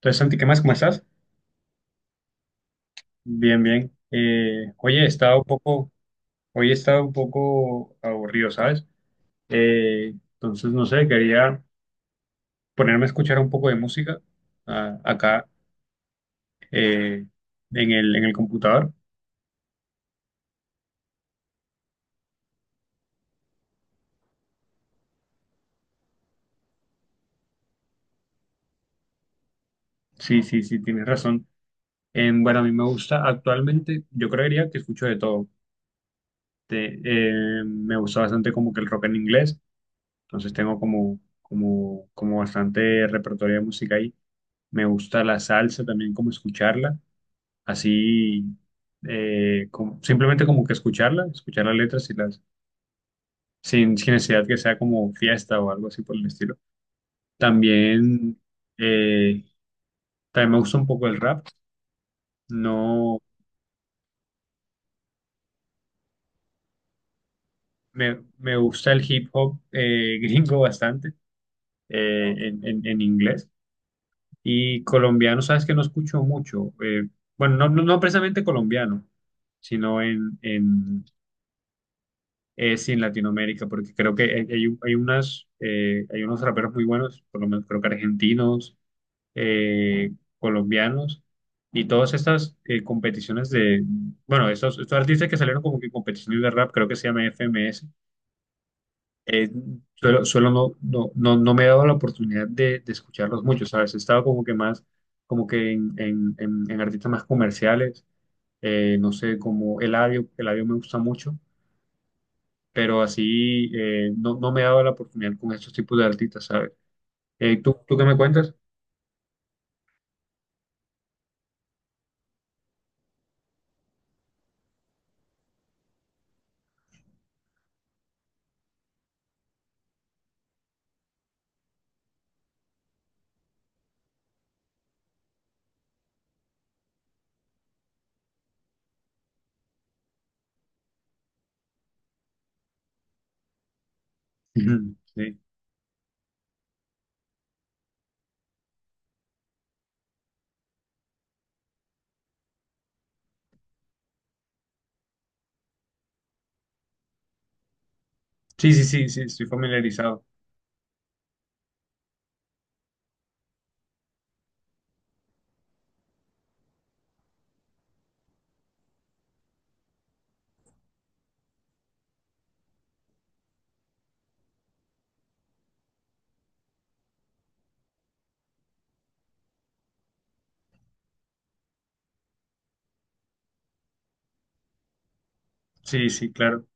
Entonces, Santi, ¿qué más? ¿Cómo estás? Bien, bien. Oye, he estado un poco, hoy he estado un poco aburrido, ¿sabes? Entonces, no sé, quería ponerme a escuchar un poco de música ah, acá eh, en el computador. Sí, sí, sí, tienes razón. Em, bueno, a mí me gusta actualmente, yo creería que escucho de todo. Me gusta bastante como que el rock en inglés, entonces tengo como, como bastante repertorio de música ahí. Me gusta la salsa también, como escucharla. Así simplemente como que escucharla, escuchar las letras y las, sin necesidad que sea como fiesta o algo así por el estilo. También, eh, también me gusta un poco el rap, no, me gusta el hip hop gringo bastante en inglés y colombiano, sabes que no escucho mucho, bueno, no precisamente colombiano, sino sí, en Latinoamérica, porque creo que hay, hay unas, hay unos raperos muy buenos, por lo menos creo que argentinos, eh, colombianos, y todas estas competiciones de, bueno, estos artistas que salieron como que en competiciones de rap, creo que se llama FMS, eh, suelo, suelo no, no me he dado la oportunidad de escucharlos mucho, ¿sabes? He estado como que más, como que en, en artistas más comerciales, no sé, como Eladio, Eladio me gusta mucho pero así no, no me daba la oportunidad con estos tipos de artistas, ¿sabes? Tú qué me cuentas? Ujú, sí. Sí, sí, sí, sí, estoy familiarizado. Sí, sí, claro.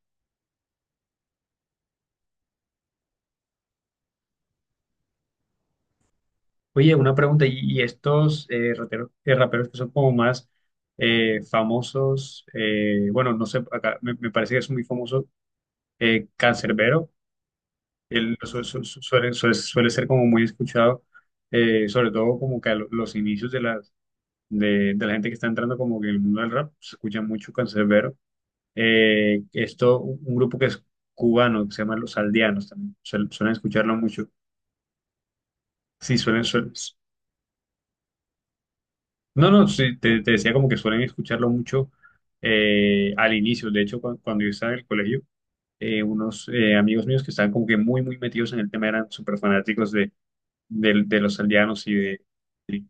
Oye, una pregunta, ¿y estos raperos que son como más famosos? Bueno, no sé, acá me parece que es muy famoso Canserbero, él suele ser como muy escuchado, sobre todo como que a los inicios de las, de la gente que está entrando como que en el mundo del rap, se escucha mucho Canserbero. Esto, un grupo que es cubano, que se llama Los Aldeanos también, suelen escucharlo mucho. Sí, suelen, suel- No, no, sí, te decía como que suelen escucharlo mucho al inicio. De hecho, cuando yo estaba en el colegio, unos amigos míos que estaban como que muy, muy metidos en el tema eran súper fanáticos de, de Los Aldeanos y de... y-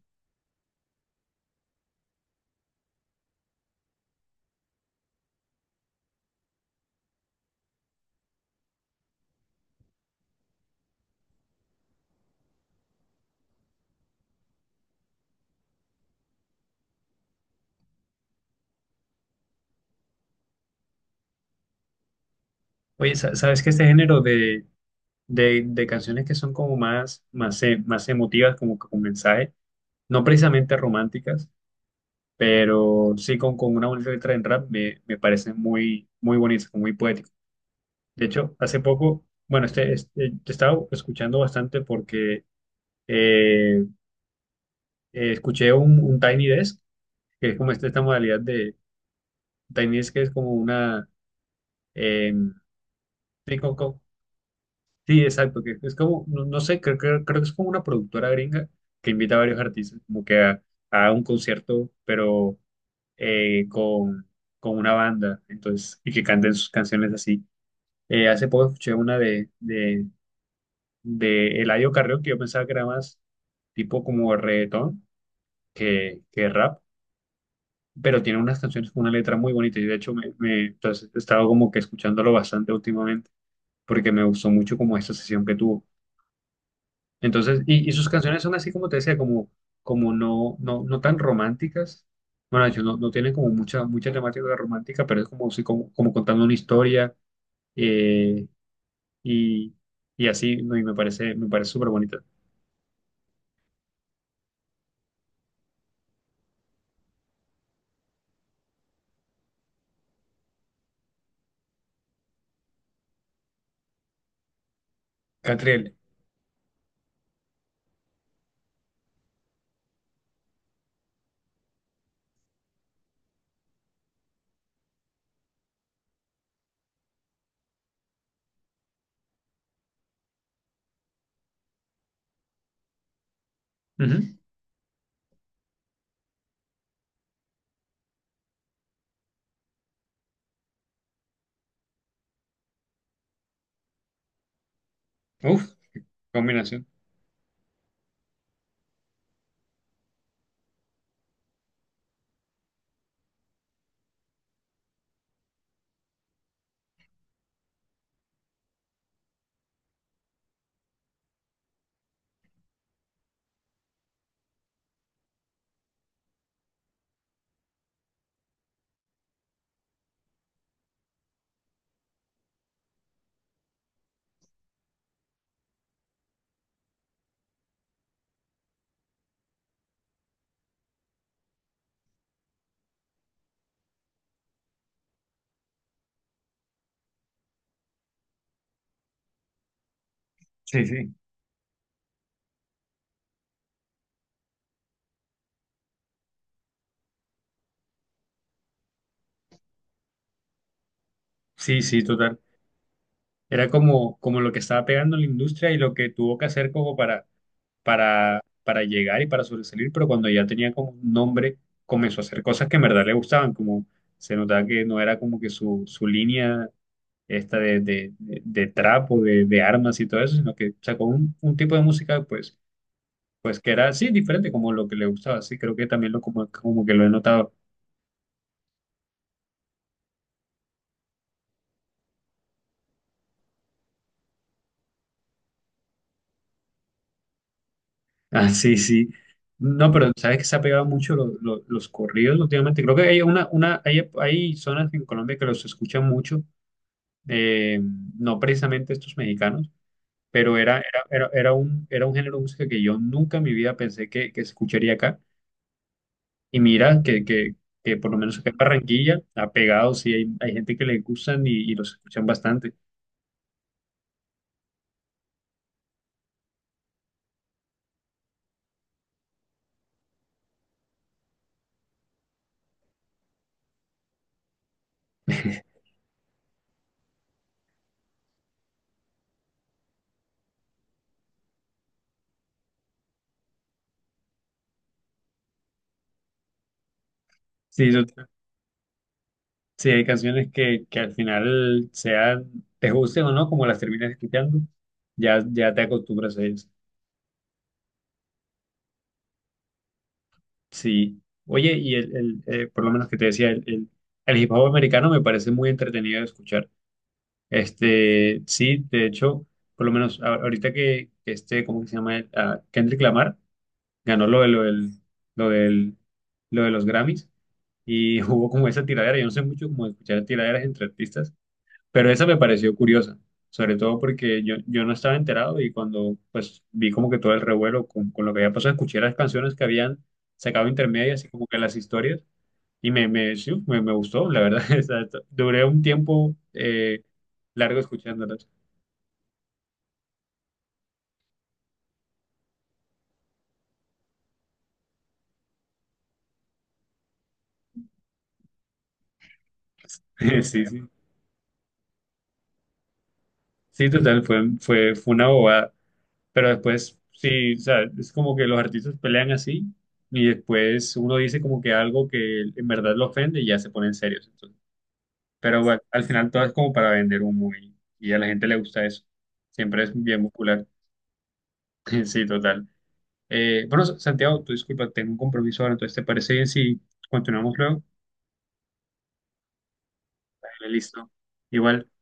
Oye, ¿sabes que este género de, de canciones que son como más, más emotivas, como que con mensaje, no precisamente románticas, pero sí con una bonita letra en rap me parece muy, muy bonito, muy poético? De hecho, hace poco, bueno, este, te estaba escuchando bastante porque eh, escuché un Tiny Desk, que es como esta modalidad de Tiny Desk, que es como una... eh, sí, sí, exacto, que es como, no, no sé, creo que es como una productora gringa que invita a varios artistas como que a un concierto, pero eh, con, con una banda, entonces, y que canten sus canciones así. Hace poco escuché una de Eladio Carrión, que yo pensaba que era más tipo como reggaetón que rap, pero tiene unas canciones con una letra muy bonita y de hecho entonces he estado como que escuchándolo bastante últimamente porque me gustó mucho como esta sesión que tuvo. Entonces, y sus canciones son así como te decía, como, como no, no tan románticas. Bueno, de hecho, no, no tienen como mucha, mucha temática romántica, pero es como, sí, como, como contando una historia eh, y, y así, ¿no? Y me parece súper bonito. Catriel. Ujú. Uf, combinación. Sí, sí. Sí, sí, total. Era como, como lo que estaba pegando en la industria y lo que tuvo que hacer como para, para llegar y para sobresalir, pero cuando ya tenía como un nombre, comenzó a hacer cosas que en verdad le gustaban, como se notaba que no era como que su línea esta de, de trap o de armas y todo eso, sino que sacó un tipo de música, pues pues que era así, diferente como lo que le gustaba, sí, creo que también lo como, como que lo he notado. Ah, sí, sí. No, pero sabes que se ha pegado mucho los corridos últimamente. Creo que hay una, hay zonas en Colombia que los escuchan mucho, eh, no precisamente estos mexicanos, pero era, era un género de música que yo nunca en mi vida pensé que se escucharía acá. Y mira que, que por lo menos acá en Barranquilla ha pegado, sí, hay gente que le gustan y los escuchan bastante. Sí, sí, hay canciones que al final sean, te gusten o no, como las terminas escuchando, ya, ya te acostumbras a ellas. Sí. Oye, y el, por lo menos que te decía, el, el hip hop americano me parece muy entretenido de escuchar. Este, sí, de hecho, por lo menos ahorita que este, ¿cómo que se llama? Ah, Kendrick Lamar ganó lo de, lo del, lo de los Grammys y hubo como esa tiradera. Yo no sé mucho cómo escuchar tiraderas entre artistas. Pero esa me pareció curiosa, sobre todo porque yo no estaba enterado y cuando pues vi como que todo el revuelo con lo que había pasado, escuché las canciones que habían sacado intermedias y como que las historias sí, me gustó, la verdad. O sea, duré un tiempo largo escuchándolas. Sí, sí. Sí, total, fue, fue una bobada. Pero después, sí, o sea, es como que los artistas pelean así y después uno dice como que algo que en verdad lo ofende y ya se ponen serios. Pero bueno, al final todo es como para vender humo y a la gente le gusta eso. Siempre es bien muscular. Sí, total. Bueno, Santiago, tú disculpa, tengo un compromiso ahora, entonces ¿te parece bien si continuamos luego? Dale, listo. Igual.